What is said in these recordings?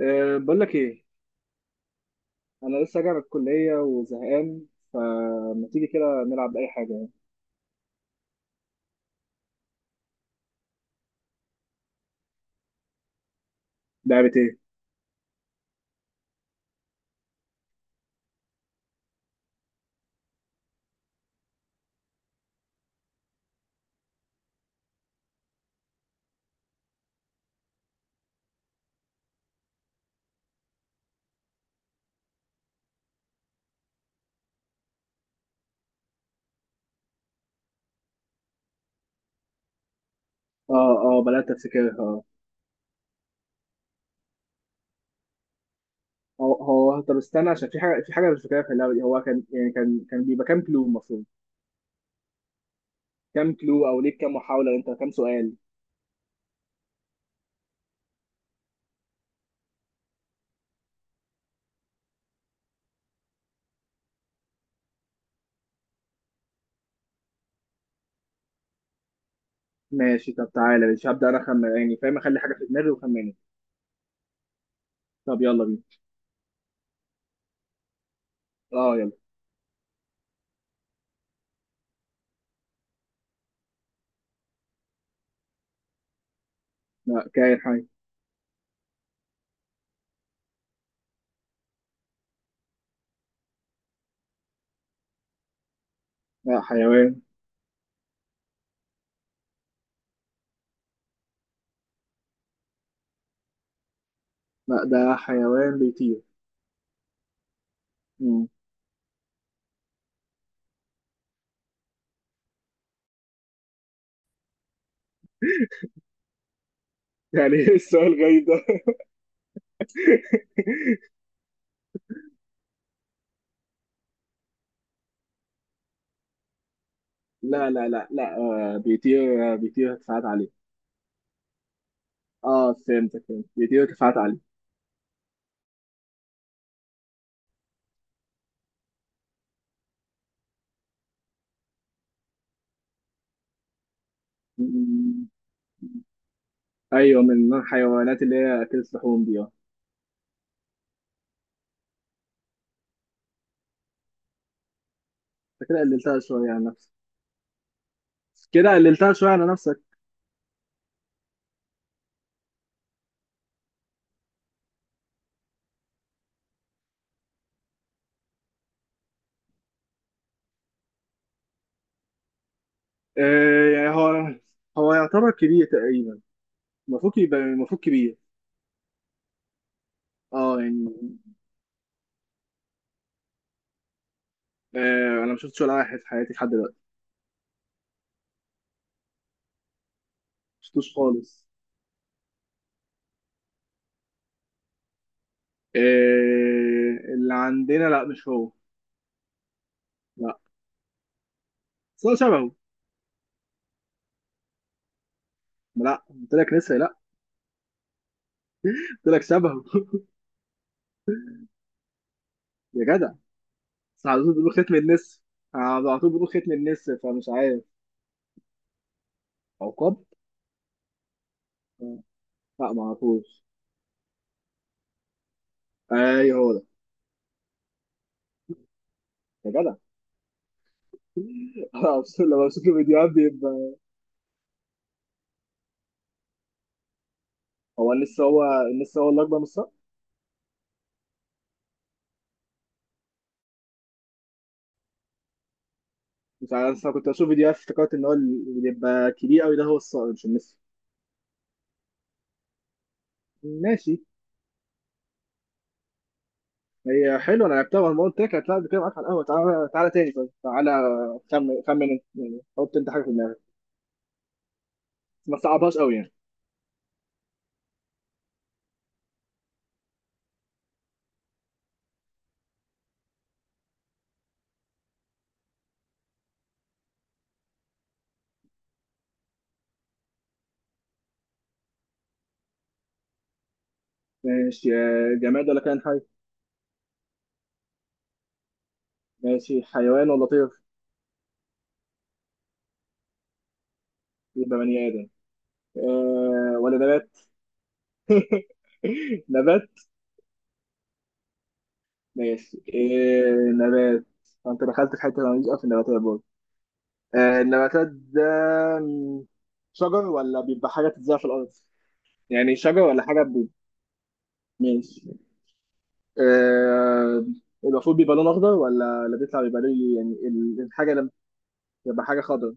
أه، بقول لك ايه. انا لسه راجع من الكليه وزهقان، فما تيجي كده نلعب اي حاجه يعني. لعبه ايه؟ اه اه، بدات افتكرها. اه هو طب استنى، عشان في حاجه مش فاكرها في اللعبه دي. هو كان يعني كان بيبقى كام كلو المفروض؟ كام كلو؟ او ليك كام محاوله؟ انت كام سؤال؟ ماشي. طب تعالى، مش هبدا انا خمن يعني، فاهم؟ اخلي حاجه في دماغي وخمنها. طب يلا بينا. اه يلا. لا، كائن حي. لا، حيوان. لا، ده حيوان بيطير. مم. يعني ايه السؤال غريب ده؟ لا لا لا لا، بيطير، بيطير كفاءات عالية. اه فهمتك، فهمت بيطير كفاءات عالية. م- ايوه، من الحيوانات اللي هي اكلت لحوم دي. اه انت كده قللتها شوية عن نفسك، كده قللتها شوية على نفسك. آه يعني هو هو يعتبر كبير تقريبا، المفروض يبقى المفروض كبير. اه يعني. آه، انا ما شفتش ولا واحد في حياتي لحد دلوقتي. ما شفتوش خالص. آه، اللي عندنا لا مش هو، لا. بس هو شبهه. لا، قلت لك لسه لا. قلت لك شبهه. يا جدع، بس على طول بيقولوا ختم النسر، على طول بيقولوا ختم النسر، فمش عارف. عقاب؟ آه. لا ما اعرفوش. ايوه هو ده. يا جدع انا مبسوط لما بشوف الفيديوهات بيبقى. هو النسر النسر هو اللي اكبر من الصقر. مش عارف، أنا كنت بشوف فيديوهات، افتكرت ان هو اللي بيبقى كبير قوي ده هو الصقر مش النسر. ماشي. هي حلوه، انا لعبتها، وانا قلت لك هتلعب كده معاك على القهوه. تعالى تعالى تاني، طيب تعالى. خمن خمن انت يعني، حط انت حاجه في دماغك. بس ما تصعبهاش قوي يعني. ماشي. آه، جماد ولا كائن حي؟ ماشي، حيوان ولا طير؟ يبقى بني ادم آه، ولا نبات؟ نبات؟ ماشي آه، نبات. انت دخلت في حته انا ماليش قوي في النباتات برضه. آه، النباتات ده م، شجر ولا بيبقى حاجه تتزرع في الارض؟ يعني شجر ولا حاجه بي...؟ ماشي آه، المفروض بيبقى لون اخضر، ولا اللي بيطلع بيبقى ليه؟ يعني الحاجه لما بتبقى حاجه خضر،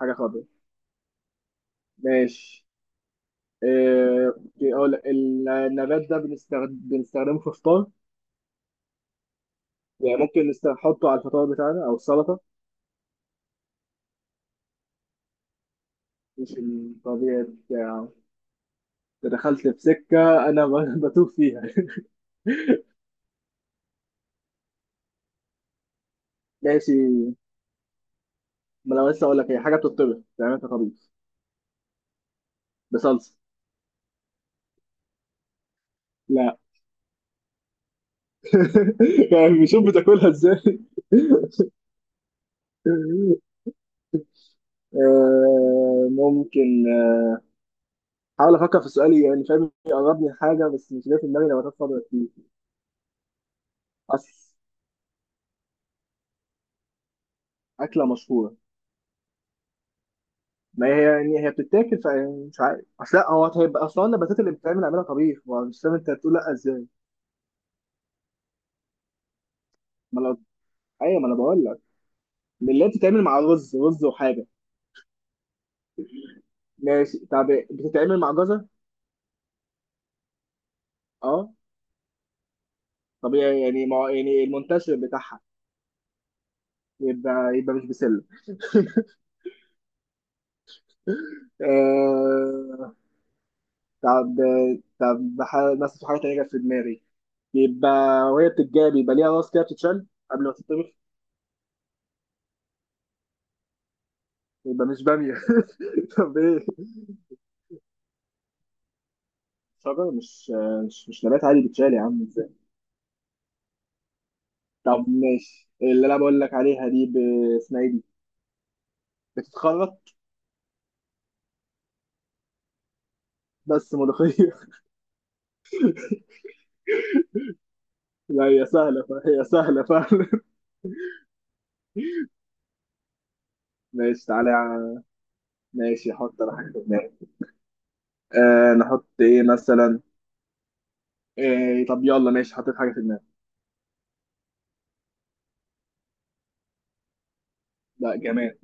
حاجه خضر. ماشي. آه أوكي، اقول لك، النبات ده بنستخدمه في فطار؟ يعني ممكن نحطه على الفطار بتاعنا او السلطه؟ مش الطبيعي بتاعه؟ انت دخلت في سكة أنا بتوه فيها ماشي. ما أنا لسه أقول لك، هي حاجة بتطبخ، تعملها أنت طبيخ بصلصة؟ لا يعني بشوف بتاكلها إزاي آه، ممكن آه، حاول أفكر في سؤالي يعني، فاهم؟ يقربني حاجة، بس مش جاي في دماغي، نباتات خضرا كتير. أصل أكلة مشهورة، ما هي يعني هي بتتاكل، فمش عارف أصل. لا، هو هيبقى أصلا النباتات اللي بتتعمل أعملها طبيخ، ما مش فاهم أنت هتقول لا إزاي. ما أنا. أيوه ما أنا بقول لك، من اللي هي بتتعمل مع رز وحاجه. ماشي، طب بتتعمل مع جزر؟ اه، طبيعي يعني، ما يعني المنتشر بتاعها. يبقى، يبقى مش بسله آه... طب، طب بس في حاجه تانيه جت في دماغي. يبقى، وهي بتتجاب يبقى ليها راس كده بتتشال قبل ما تتطبخ. يبقى مش باميه؟ طب ايه؟ شجره مش، مش نبات عادي بتشال يا عم ازاي؟ طب ماشي، اللي انا بقول لك عليها دي اسمها ايه دي، بتتخرط، بس ملوخيه. لا هي سهله، فهي سهله فعلا. ماشي، تعالى ماشي، حط انا حاجه في دماغي. آه، نحط ايه مثلا؟ إيه طب يلا، ماشي، حطيت حاجه في دماغي. لا جمال.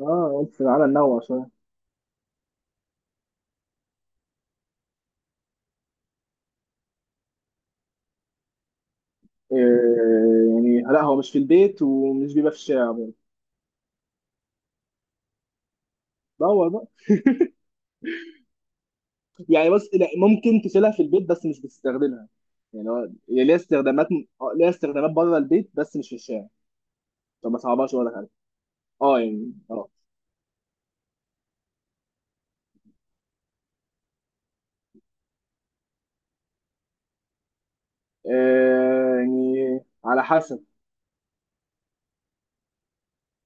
اه قلت تعالى ننوع شويه. إيه؟ يعني لا، هو مش في البيت، ومش بيبقى في الشارع برضه. دور بقى. يعني بس لا، ممكن تشيلها في البيت بس مش بتستخدمها، يعني هو. هي ليها استخدامات، آه، ليها استخدامات بره البيت بس مش في الشارع. طب ما صعبهاش ولا حاجه. اه يعني اه. آه، يعني على حسب.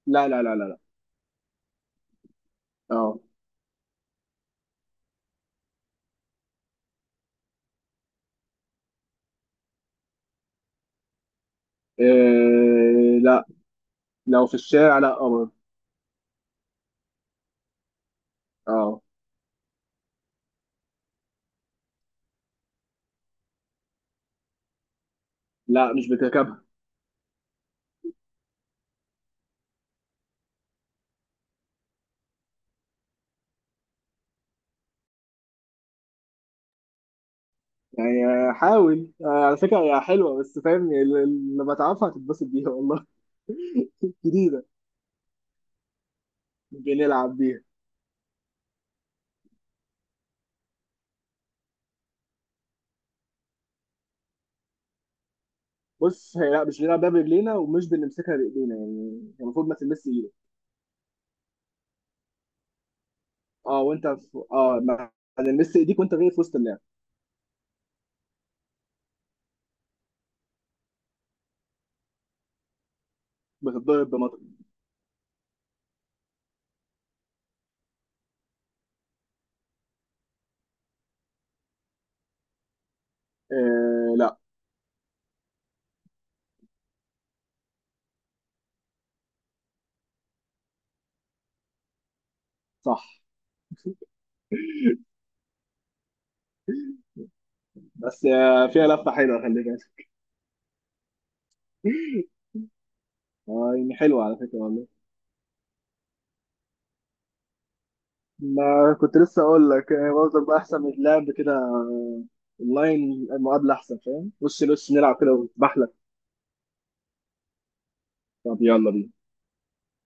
لا لا لا لا لا. اه. إيه؟ لا. لو في الشارع، لا قمر. اه. لا، مش بتركبها. يعني آه، حاول آه، على فكرة هي حلوة، بس فاهم؟ لما تعرفها هتتبسط بيها والله. جديدة. مش بنلعب بيها. بص، هي لا مش بنلعب بيها برجلينا، ومش بنمسكها بإيدينا، يعني هي المفروض ما تلمس إيدك. اه وأنت في... اه، ما تلمس إيديك وأنت جاي في وسط اللعب. بتتضرب بمطر. آه لا. صح بس آه، فيها لفة حلوة خلي بالك. آه، يعني حلوة على فكرة والله. ما كنت لسه اقول لك، يعني برضه بقى احسن من اللعب كده اونلاين، المقابله احسن، فاهم؟ وش لوش نلعب كده وبحلك. طب يلا بينا.